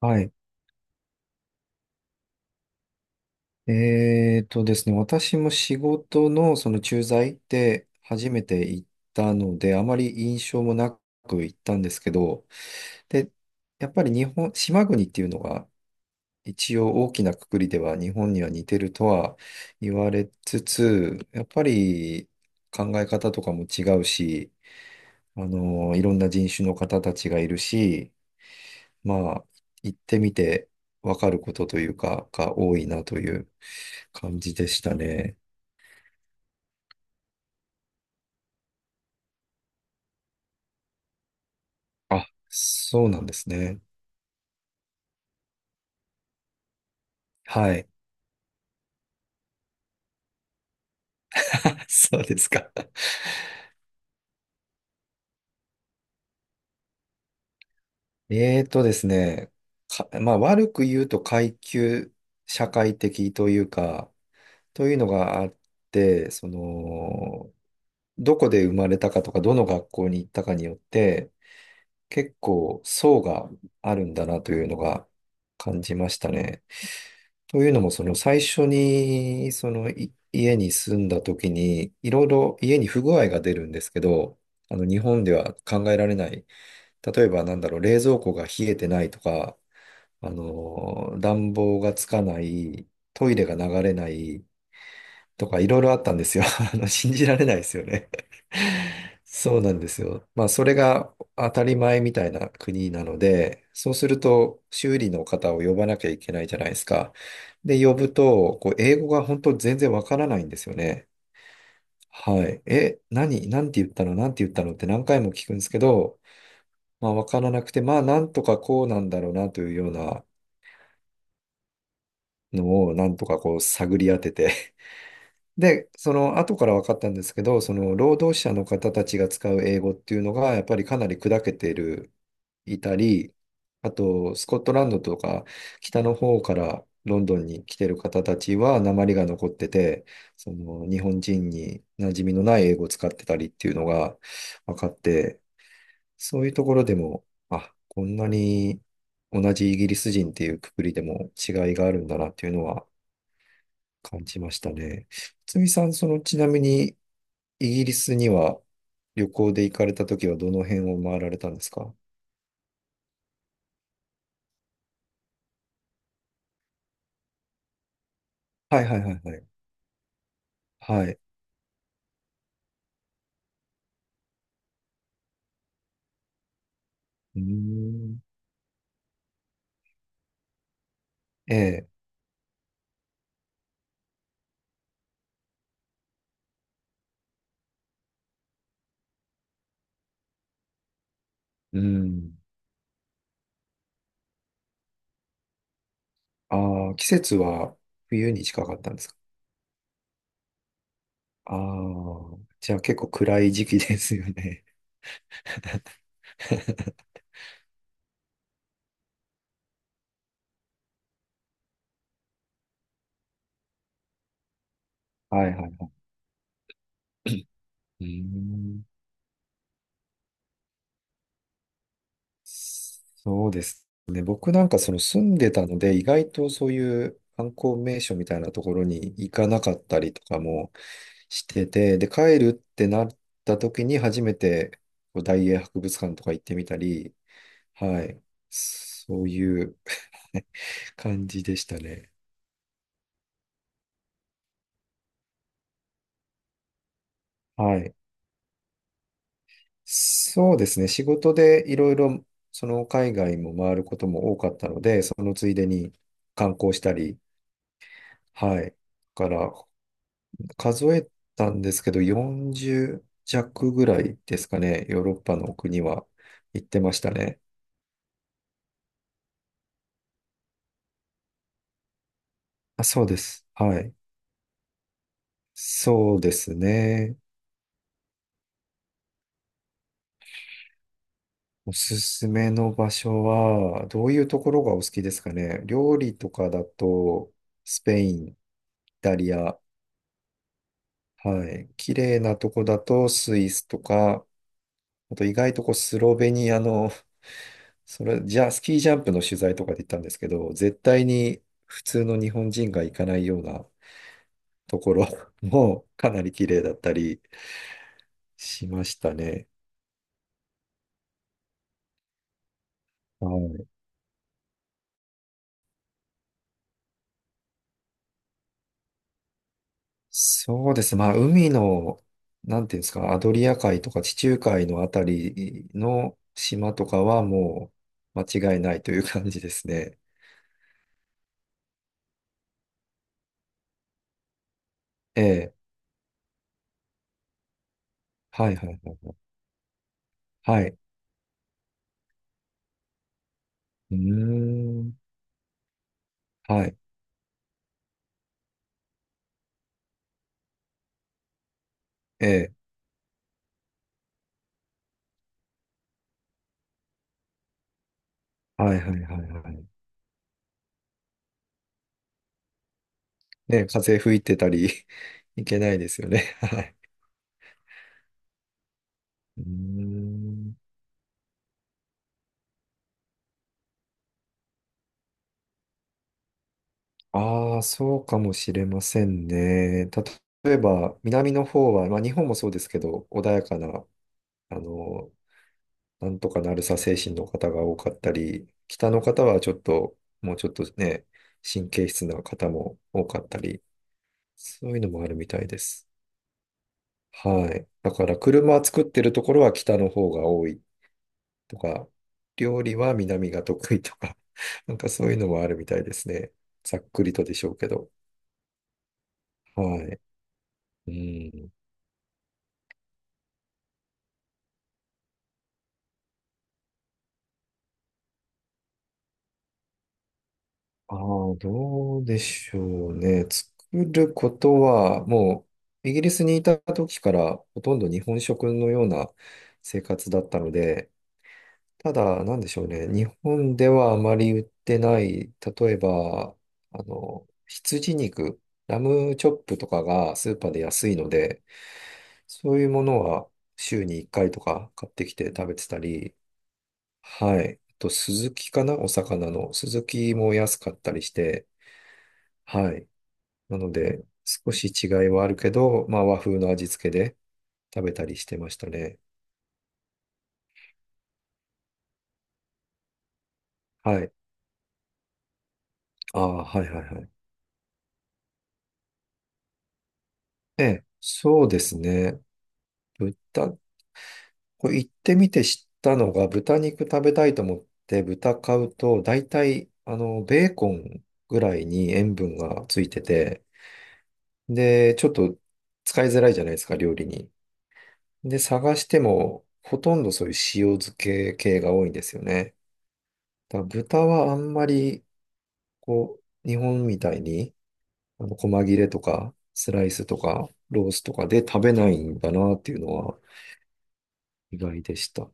はい。えーとですね、私も仕事のその駐在で初めて行ったので、あまり印象もなく行ったんですけど、で、やっぱり日本、島国っていうのが一応大きな括りでは日本には似てるとは言われつつ、やっぱり考え方とかも違うし、いろんな人種の方たちがいるし、まあ、行ってみてわかることというか、が多いなという感じでしたね。あ、そうなんですね。はい。そうですか。えーとですね、まあ悪く言うと階級社会的というか、というのがあって、どこで生まれたかとか、どの学校に行ったかによって、結構層があるんだなというのが感じましたね。というのも、その最初に、そのい家に住んだ時に、いろいろ家に不具合が出るんですけど、日本では考えられない。例えば、なんだろう、冷蔵庫が冷えてないとか、暖房がつかない、トイレが流れない、とかいろいろあったんですよ。信じられないですよね。そうなんですよ。まあ、それが当たり前みたいな国なので、そうすると修理の方を呼ばなきゃいけないじゃないですか。で、呼ぶと、英語が本当全然わからないんですよね。はい。何なんて言ったのなんて言ったのって何回も聞くんですけど、まあ、わからなくて、まあ、なんとかこうなんだろうなというようなのを、なんとか探り当ててで、その後から分かったんですけど、その労働者の方たちが使う英語っていうのが、やっぱりかなり砕けている、いたり、あと、スコットランドとか、北の方からロンドンに来てる方たちは、訛りが残ってて、その日本人に馴染みのない英語を使ってたりっていうのが分かって、そういうところでも、あ、こんなに同じイギリス人っていうくくりでも違いがあるんだなっていうのは感じましたね。つみさん、ちなみに、イギリスには旅行で行かれたときはどの辺を回られたんですか？はいはいはいはい。はい。うーん。ええ。うん。ああ、季節は冬に近かったんですか？ああー、じゃあ結構暗い時期ですよね。はいはいはい。うーん。そうですね。僕なんか住んでたので、意外とそういう観光名所みたいなところに行かなかったりとかもしてて、で、帰るってなった時に初めてこう大英博物館とか行ってみたり、はい。そういう 感じでしたね。はい。そうですね。仕事でいろいろ海外も回ることも多かったので、そのついでに観光したり、はい。だから数えたんですけど、40弱ぐらいですかね。ヨーロッパの国は行ってましたね。あ、そうです。はい。そうですね。おすすめの場所は、どういうところがお好きですかね。料理とかだと、スペイン、イタリア、はい。綺麗なとこだと、スイスとか、あと意外とこうスロベニアのそれ、じゃあ、スキージャンプの取材とかで行ったんですけど、絶対に普通の日本人が行かないようなところ もかなり綺麗だったりしましたね。はい。そうです。まあ、海の、なんていうんですか、アドリア海とか地中海のあたりの島とかはもう間違いないという感じですね。ええ。はいはいはいはい。はい。うーん。はい。ええ。はいはいはいはい。ね、風吹いてたり いけないですよね。はい。うーん。ああ、そうかもしれませんね。例えば、南の方は、まあ、日本もそうですけど、穏やかな、あの、なんとかなるさ精神の方が多かったり、北の方はちょっと、もうちょっとね、神経質な方も多かったり、そういうのもあるみたいです。はい。だから、車作ってるところは北の方が多いとか、料理は南が得意とか、なんかそういうのもあるみたいですね。ざっくりとでしょうけど。はい。うん。ああ、どうでしょうね。作ることは、もう、イギリスにいた時からほとんど日本食のような生活だったので、ただ、なんでしょうね。日本ではあまり売ってない、例えば、羊肉、ラムチョップとかがスーパーで安いので、そういうものは週に1回とか買ってきて食べてたり、はい。あと、スズキかなお魚の。スズキも安かったりして、はい。なので、少し違いはあるけど、まあ和風の味付けで食べたりしてましたね。はい。ああ、はいはいはい。ええ、そうですね。豚、これ行ってみて知ったのが、豚肉食べたいと思って豚買うと、大体、ベーコンぐらいに塩分がついてて、で、ちょっと使いづらいじゃないですか、料理に。で、探しても、ほとんどそういう塩漬け系が多いんですよね。だから豚はあんまり、日本みたいに、細切れとか、スライスとか、ロースとかで食べないんだなっていうのは意外でした。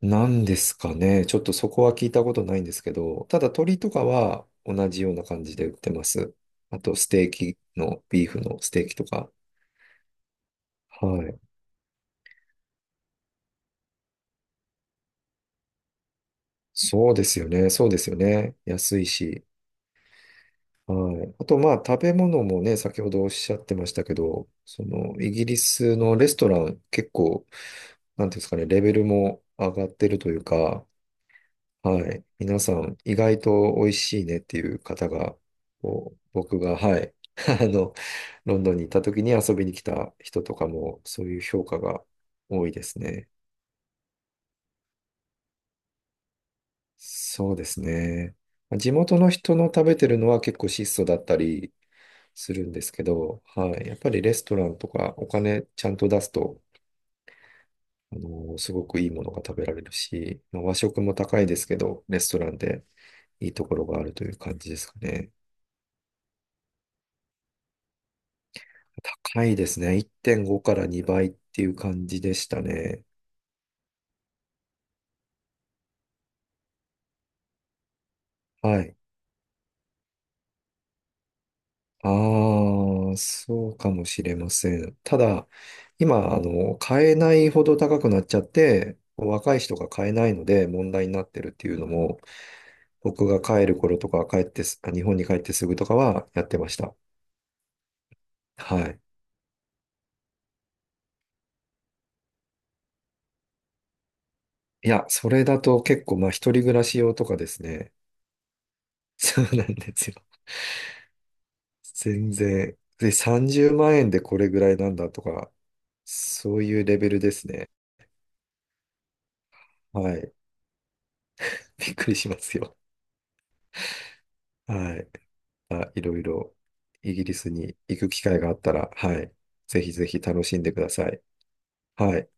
なんですかね。ちょっとそこは聞いたことないんですけど、ただ鶏とかは同じような感じで売ってます。あと、ステーキの、ビーフのステーキとか。はい。そうですよね。そうですよね。安いし。はい。あと、まあ、食べ物もね、先ほどおっしゃってましたけど、イギリスのレストラン、結構、なんていうんですかね、レベルも上がってるというか、はい。皆さん、意外と美味しいねっていう方が、こう僕が、はい。あの、ロンドンに行った時に遊びに来た人とかも、そういう評価が多いですね。そうですね。地元の人の食べてるのは結構質素だったり、するんですけど、はい。やっぱりレストランとかお金ちゃんと出すと、すごくいいものが食べられるし、まあ和食も高いですけど、レストランでいいところがあるという感じですかね。高いですね。1.5から2倍っていう感じでしたね。はい。ああ、そうかもしれません。ただ、今、買えないほど高くなっちゃって、若い人が買えないので問題になってるっていうのも、僕が帰る頃とか、帰ってす、あ日本に帰ってすぐとかはやってました。はい。いや、それだと結構、まあ、一人暮らし用とかですね。そうなんですよ。全然。で、30万円でこれぐらいなんだとか、そういうレベルですね。はい。びっくりしますよ。はい。あ、いろいろ、イギリスに行く機会があったら、はい。ぜひぜひ楽しんでください。はい。